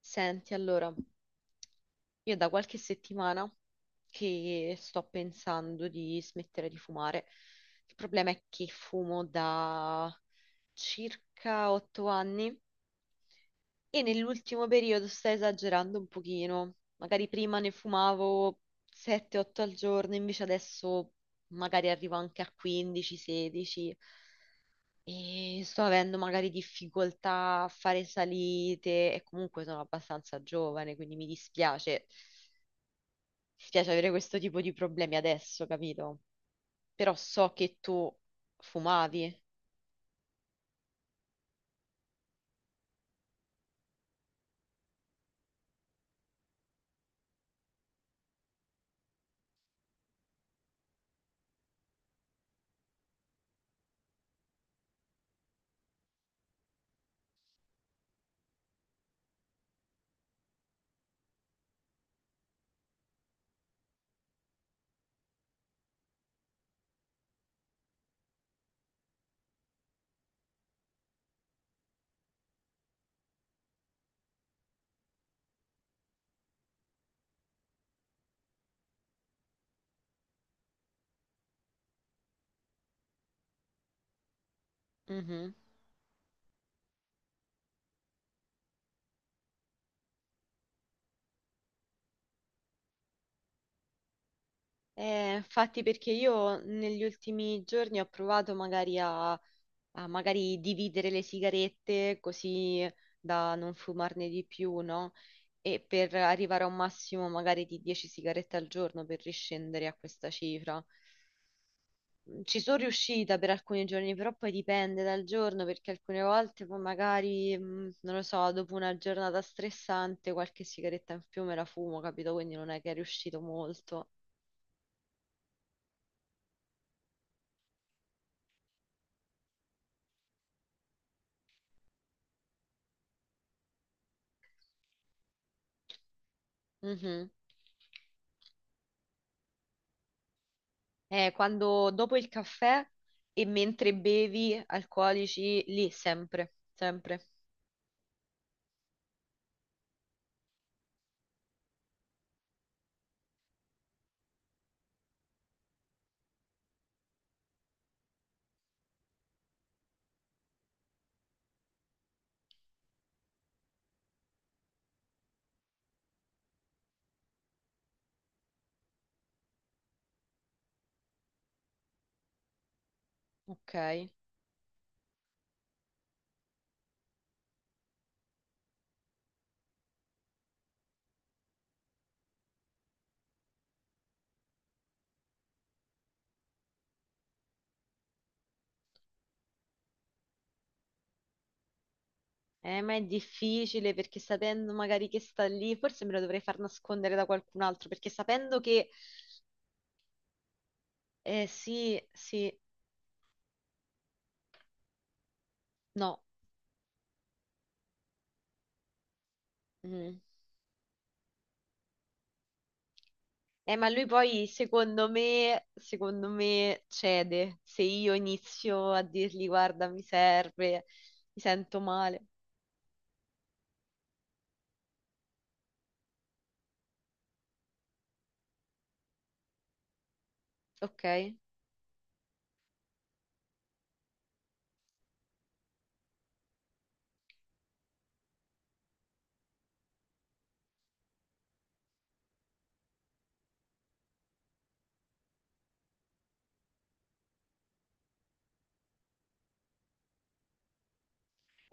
Senti, allora, io da qualche settimana che sto pensando di smettere di fumare. Il problema è che fumo da circa 8 anni e nell'ultimo periodo sto esagerando un pochino. Magari prima ne fumavo 7-8 al giorno, invece adesso magari arrivo anche a 15-16. E sto avendo magari difficoltà a fare salite e comunque sono abbastanza giovane, quindi mi dispiace. Dispiace avere questo tipo di problemi adesso, capito? Però so che tu fumavi. Mhm. Infatti perché io negli ultimi giorni ho provato magari a magari dividere le sigarette così da non fumarne di più, no? E per arrivare a un massimo magari di 10 sigarette al giorno per riscendere a questa cifra. Ci sono riuscita per alcuni giorni, però poi dipende dal giorno, perché alcune volte poi magari, non lo so, dopo una giornata stressante qualche sigaretta in più me la fumo, capito? Quindi non è che è riuscito molto. Mhm. Quando dopo il caffè e mentre bevi alcolici, lì sempre, sempre. Ok. Ma è difficile perché sapendo magari che sta lì, forse me lo dovrei far nascondere da qualcun altro, perché sapendo che... sì, sì, no. Mm. Ma lui poi, secondo me cede. Se io inizio a dirgli, guarda, mi serve, mi sento male. Ok? Eh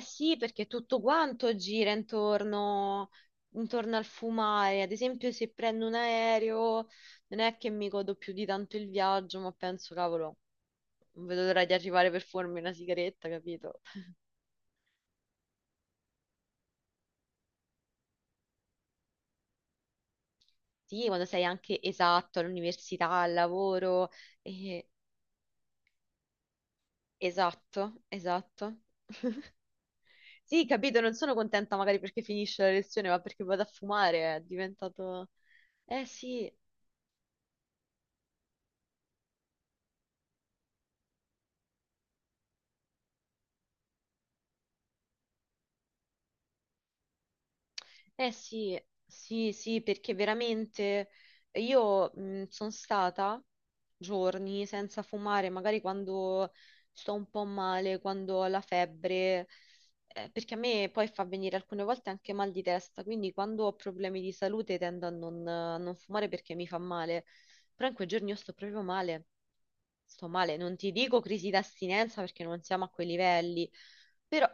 sì, perché tutto quanto gira intorno al fumare. Ad esempio, se prendo un aereo, non è che mi godo più di tanto il viaggio, ma penso, cavolo, non vedo l'ora di arrivare per fumarmi una sigaretta, capito? Sì, quando sei anche esatto all'università, al lavoro. e Esatto, esatto. Sì, capito, non sono contenta magari perché finisce la lezione, ma perché vado a fumare, è diventato... Eh sì, eh sì, sì, sì, perché veramente io sono stata giorni senza fumare, magari quando sto un po' male, quando ho la febbre, perché a me poi fa venire alcune volte anche mal di testa, quindi quando ho problemi di salute tendo a non fumare perché mi fa male, però in quei giorni io sto proprio male. Sto male, non ti dico crisi d'astinenza perché non siamo a quei livelli, però,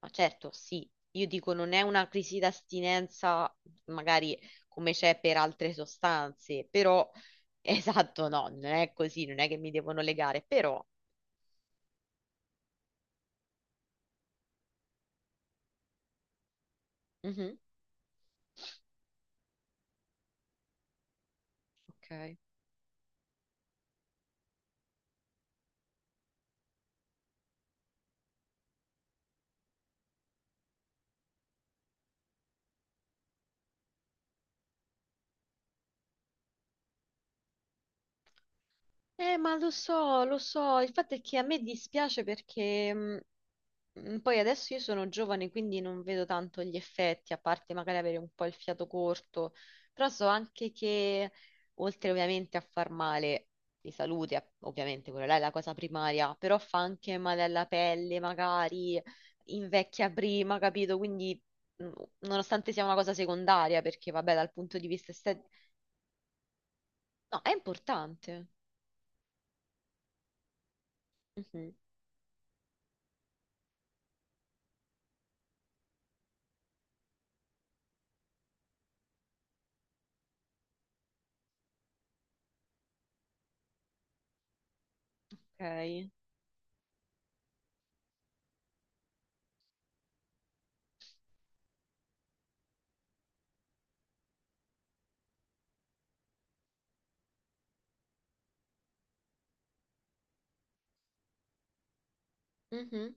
ma certo, sì, io dico non è una crisi d'astinenza magari come c'è per altre sostanze, però, esatto, no, non è così, non è che mi devono legare, però, Mhm, ok. Ma lo so, il fatto è che a me dispiace perché. Poi adesso io sono giovane, quindi non vedo tanto gli effetti, a parte magari avere un po' il fiato corto, però so anche che, oltre ovviamente a far male di salute, ovviamente quella là è la cosa primaria, però fa anche male alla pelle, magari invecchia prima, capito? Quindi, mm, nonostante sia una cosa secondaria, perché vabbè, dal punto di vista estetico, no, è importante. Mhm, ok. Mhm.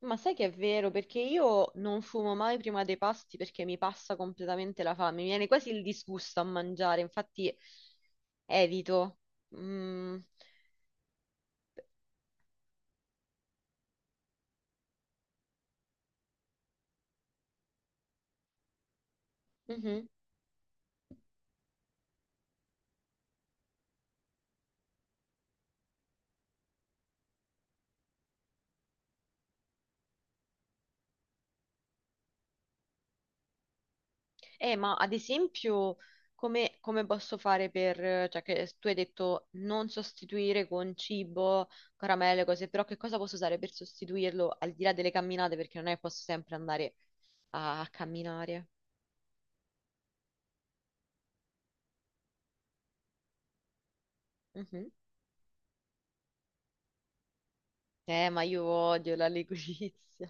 Ma sai che è vero, perché io non fumo mai prima dei pasti perché mi passa completamente la fame, mi viene quasi il disgusto a mangiare, infatti evito. Mm, mhm. Ma ad esempio, come posso fare per, cioè che tu hai detto non sostituire con cibo, caramelle, cose, però che cosa posso usare per sostituirlo al di là delle camminate, perché non è che posso sempre andare a camminare. Mhm. Ma io odio la liquirizia.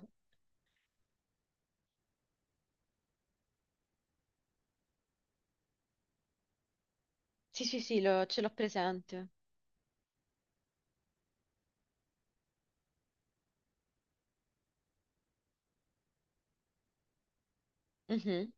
Sì, sì, sì, ce l'ho presente. Mhm.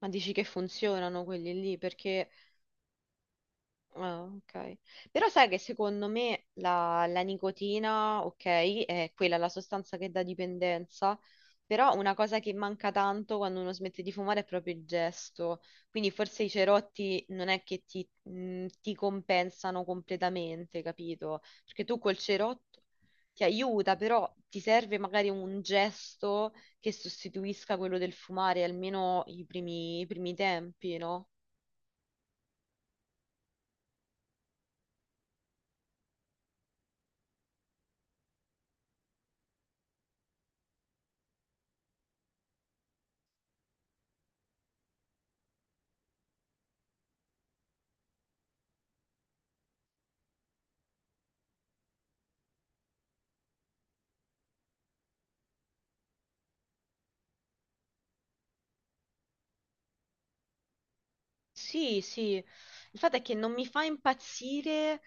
Ma dici che funzionano quelli lì? Perché ah, ok. Però sai che secondo me la nicotina, ok, è quella la sostanza che dà dipendenza, però una cosa che manca tanto quando uno smette di fumare è proprio il gesto. Quindi forse i cerotti non è che ti compensano completamente, capito? Perché tu col cerotto ti aiuta, però ti serve magari un gesto che sostituisca quello del fumare, almeno i primi tempi, no? Sì, sì, il fatto è che non mi fa impazzire,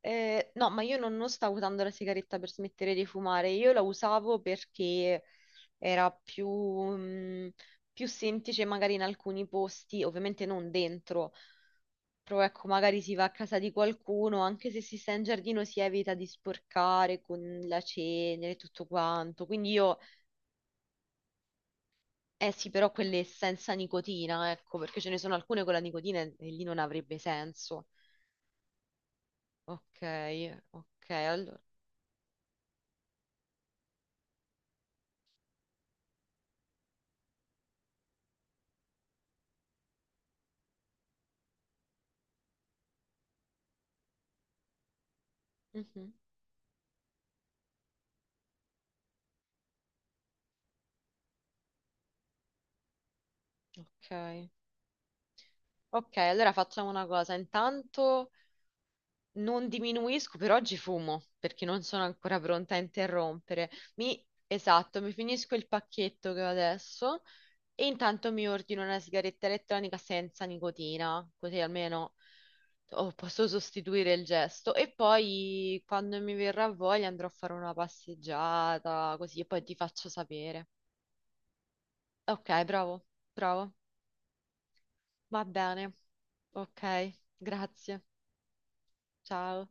no, ma io non stavo usando la sigaretta per smettere di fumare, io la usavo perché era più, più semplice magari in alcuni posti, ovviamente non dentro, però ecco, magari si va a casa di qualcuno, anche se si sta in giardino si evita di sporcare con la cenere e tutto quanto, quindi io, eh sì, però quelle senza nicotina, ecco, perché ce ne sono alcune con la nicotina e lì non avrebbe senso. Ok, ok, allora. Mhm, ok. Ok, allora facciamo una cosa. Intanto non diminuisco, per oggi fumo, perché non sono ancora pronta a interrompere. Esatto, mi finisco il pacchetto che ho adesso e intanto mi ordino una sigaretta elettronica senza nicotina, così almeno oh, posso sostituire il gesto. E poi quando mi verrà voglia andrò a fare una passeggiata, così e poi ti faccio sapere. Ok, bravo, bravo. Va bene, ok, grazie, ciao.